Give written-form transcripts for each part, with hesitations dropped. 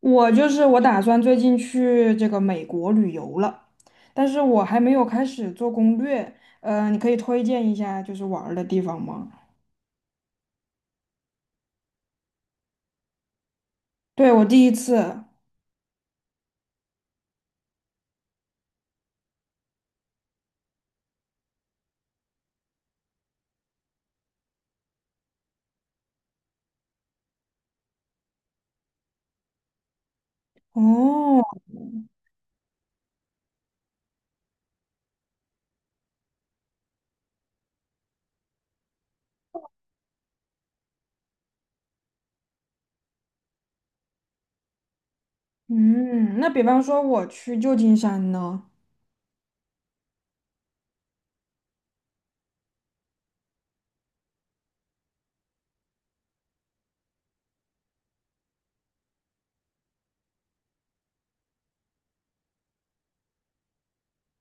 我就是我打算最近去这个美国旅游了，但是我还没有开始做攻略。你可以推荐一下就是玩儿的地方吗？对，我第一次。哦。嗯，那比方说我去旧金山呢？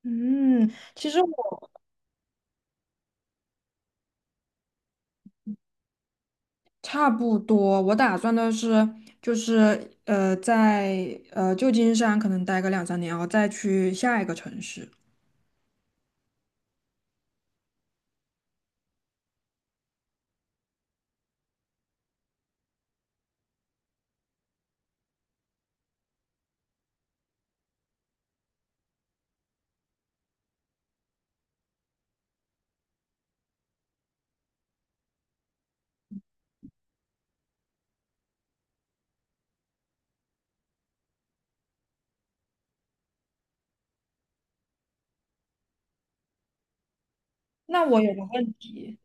嗯，其实我差不多，我打算的是就是在旧金山可能待个两三年，然后再去下一个城市。那我有个问题。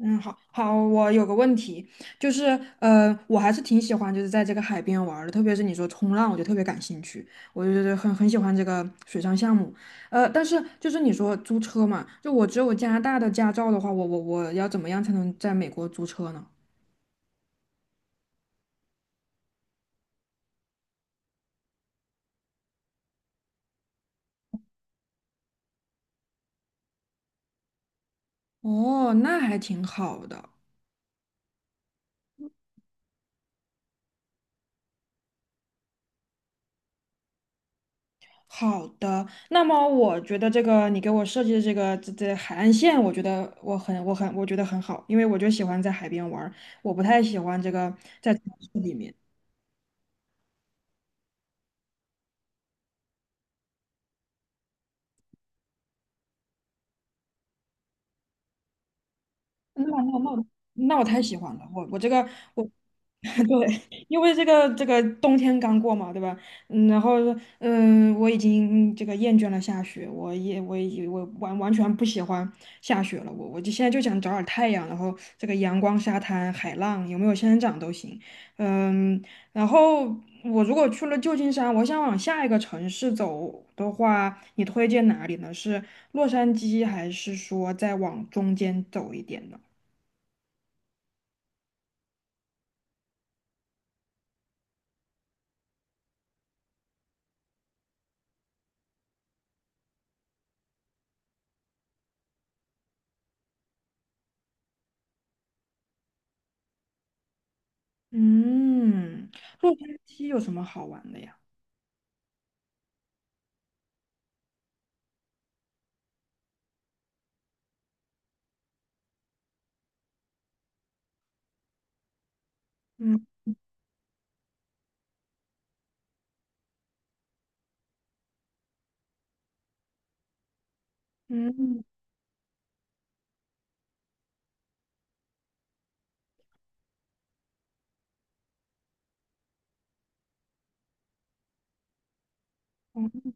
嗯，好好，我有个问题，就是我还是挺喜欢就是在这个海边玩儿的，特别是你说冲浪，我就特别感兴趣，我就觉得很喜欢这个水上项目。但是就是你说租车嘛，就我只有加拿大的驾照的话，我要怎么样才能在美国租车呢？哦，那还挺好的。好的，那么我觉得这个你给我设计的这个这海岸线，我觉得我觉得很好，因为我就喜欢在海边玩儿，我不太喜欢这个在。那那那那我太喜欢了，我我这个我 对，因为这个冬天刚过嘛，对吧？嗯，然后嗯，我已经这个厌倦了下雪，我完完全不喜欢下雪了，我就现在就想找点太阳，然后这个阳光、沙滩、海浪，有没有仙人掌都行。嗯，然后我如果去了旧金山，我想往下一个城市走的话，你推荐哪里呢？是洛杉矶，还是说再往中间走一点呢？嗯，洛杉矶有什么好玩的呀？嗯。嗯。嗯。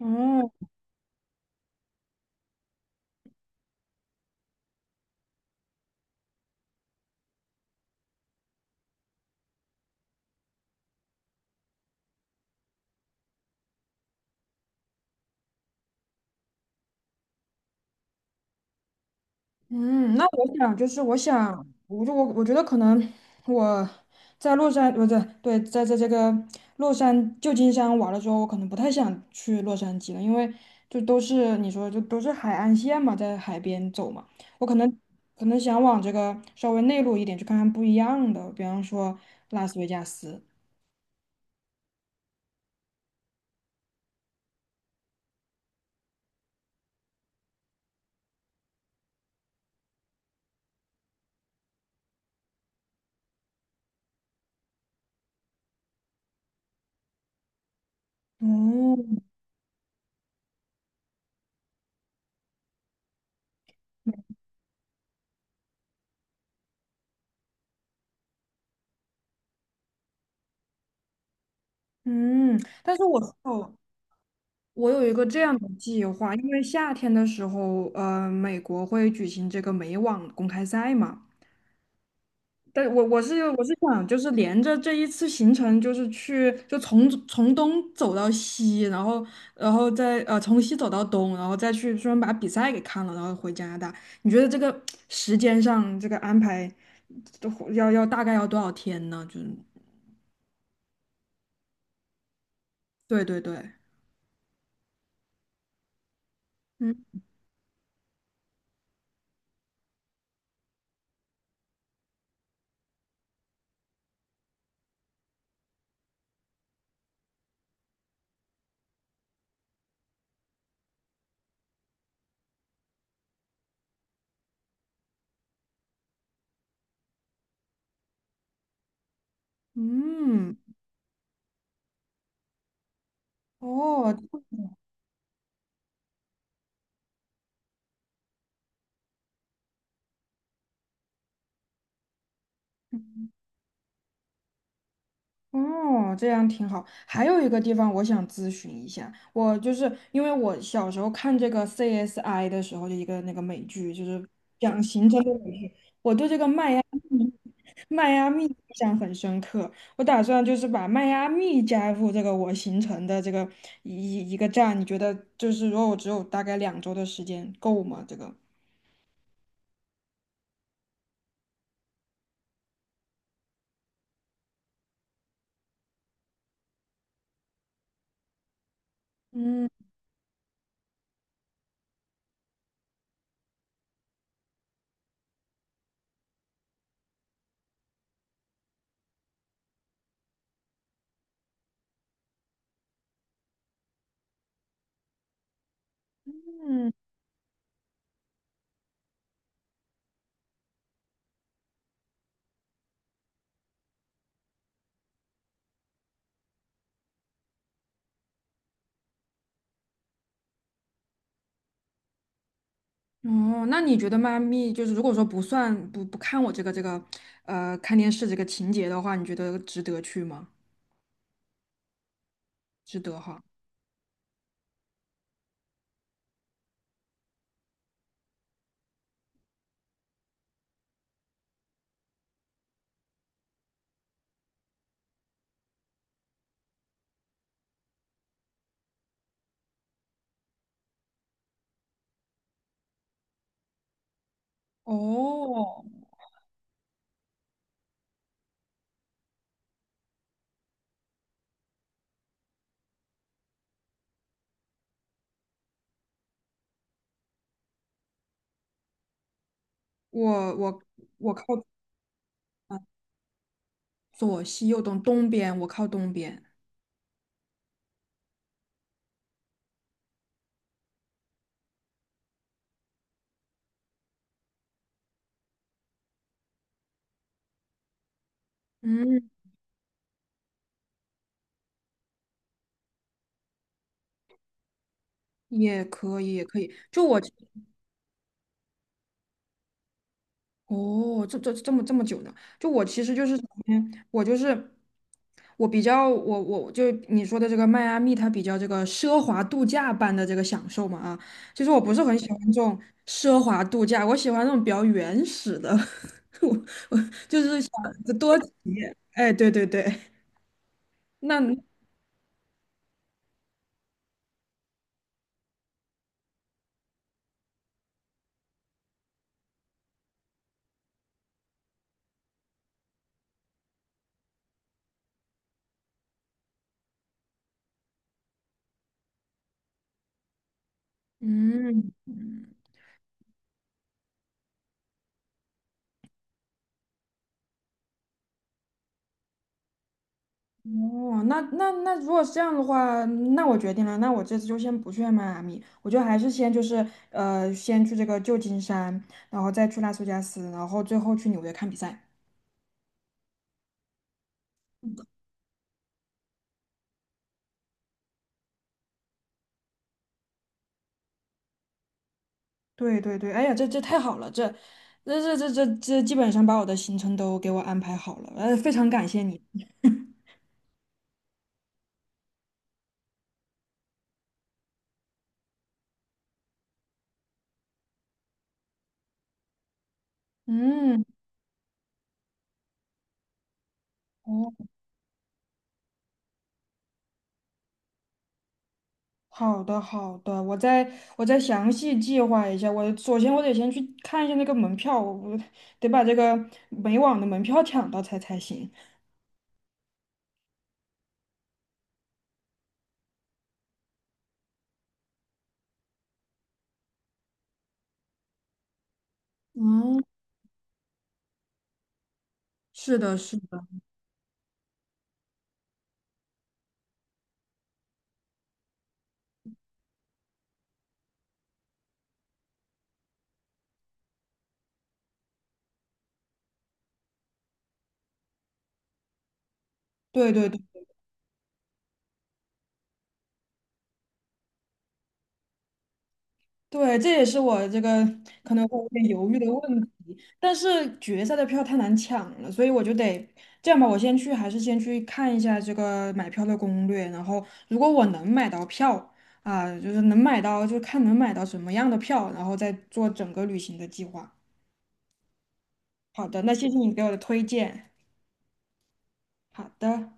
哦。嗯，那我想就是我想，我就我我觉得可能我在洛杉不对，对，在在这个洛杉旧金山玩了之后，我可能不太想去洛杉矶了，因为就都是你说就都是海岸线嘛，在海边走嘛，我可能可能想往这个稍微内陆一点去看看不一样的，比方说拉斯维加斯。哦。嗯，但是我哦，我有一个这样的计划，因为夏天的时候，美国会举行这个美网公开赛嘛。但我是想，就是连着这一次行程，就是从从东走到西，然后然后再从西走到东，然后再去专门把比赛给看了，然后回加拿大。你觉得这个时间上这个安排，都要要大概要多少天呢？就是对对对。嗯。嗯。哦。哦，这样挺好。还有一个地方我想咨询一下，我就是因为我小时候看这个 CSI 的时候，就一个那个美剧，就是讲行程的迈阿密，印象很深刻。我打算就是把迈阿密加入这个我行程的这个一个站，你觉得就是如果我只有大概两周的时间够吗？这个？嗯。嗯。哦，那你觉得迈阿密就是如果说不算不看我这个这个看电视这个情节的话，你觉得值得去吗？值得哈。哦，我我我靠左西右东，东边我靠东边，嗯，也可以也可以。就我其哦，这么这么久呢？就我其实就是我比较我我就你说的这个迈阿密，它比较这个奢华度假般的这个享受嘛，啊，其实我不是很喜欢这种奢华度假，我喜欢那种比较原始的，我多哎对对对。那嗯。哦，那那那如果是这样的话，嗯，那我决定了，那我这次就先不去迈阿密，我就还是先就是先去这个旧金山，然后再去拉斯维加斯，然后最后去纽约看比赛。对对对，哎呀，这这太好了，这基本上把我的行程都给我安排好了，非常感谢你。嗯。哦，好的好的，我再详细计划一下。我首先得先去看一下那个门票，我得把这个美网的门票抢到才行。嗯，是的，是的，对对对对，这也是我这个可能会有点犹豫的问题。但是决赛的票太难抢了，所以我就得这样吧，我先去，还是先去看一下这个买票的攻略。然后，如果我能买到票啊，就是能买到，就看能买到什么样的票，然后再做整个旅行的计划。好的，那谢谢你给我的推荐。好的。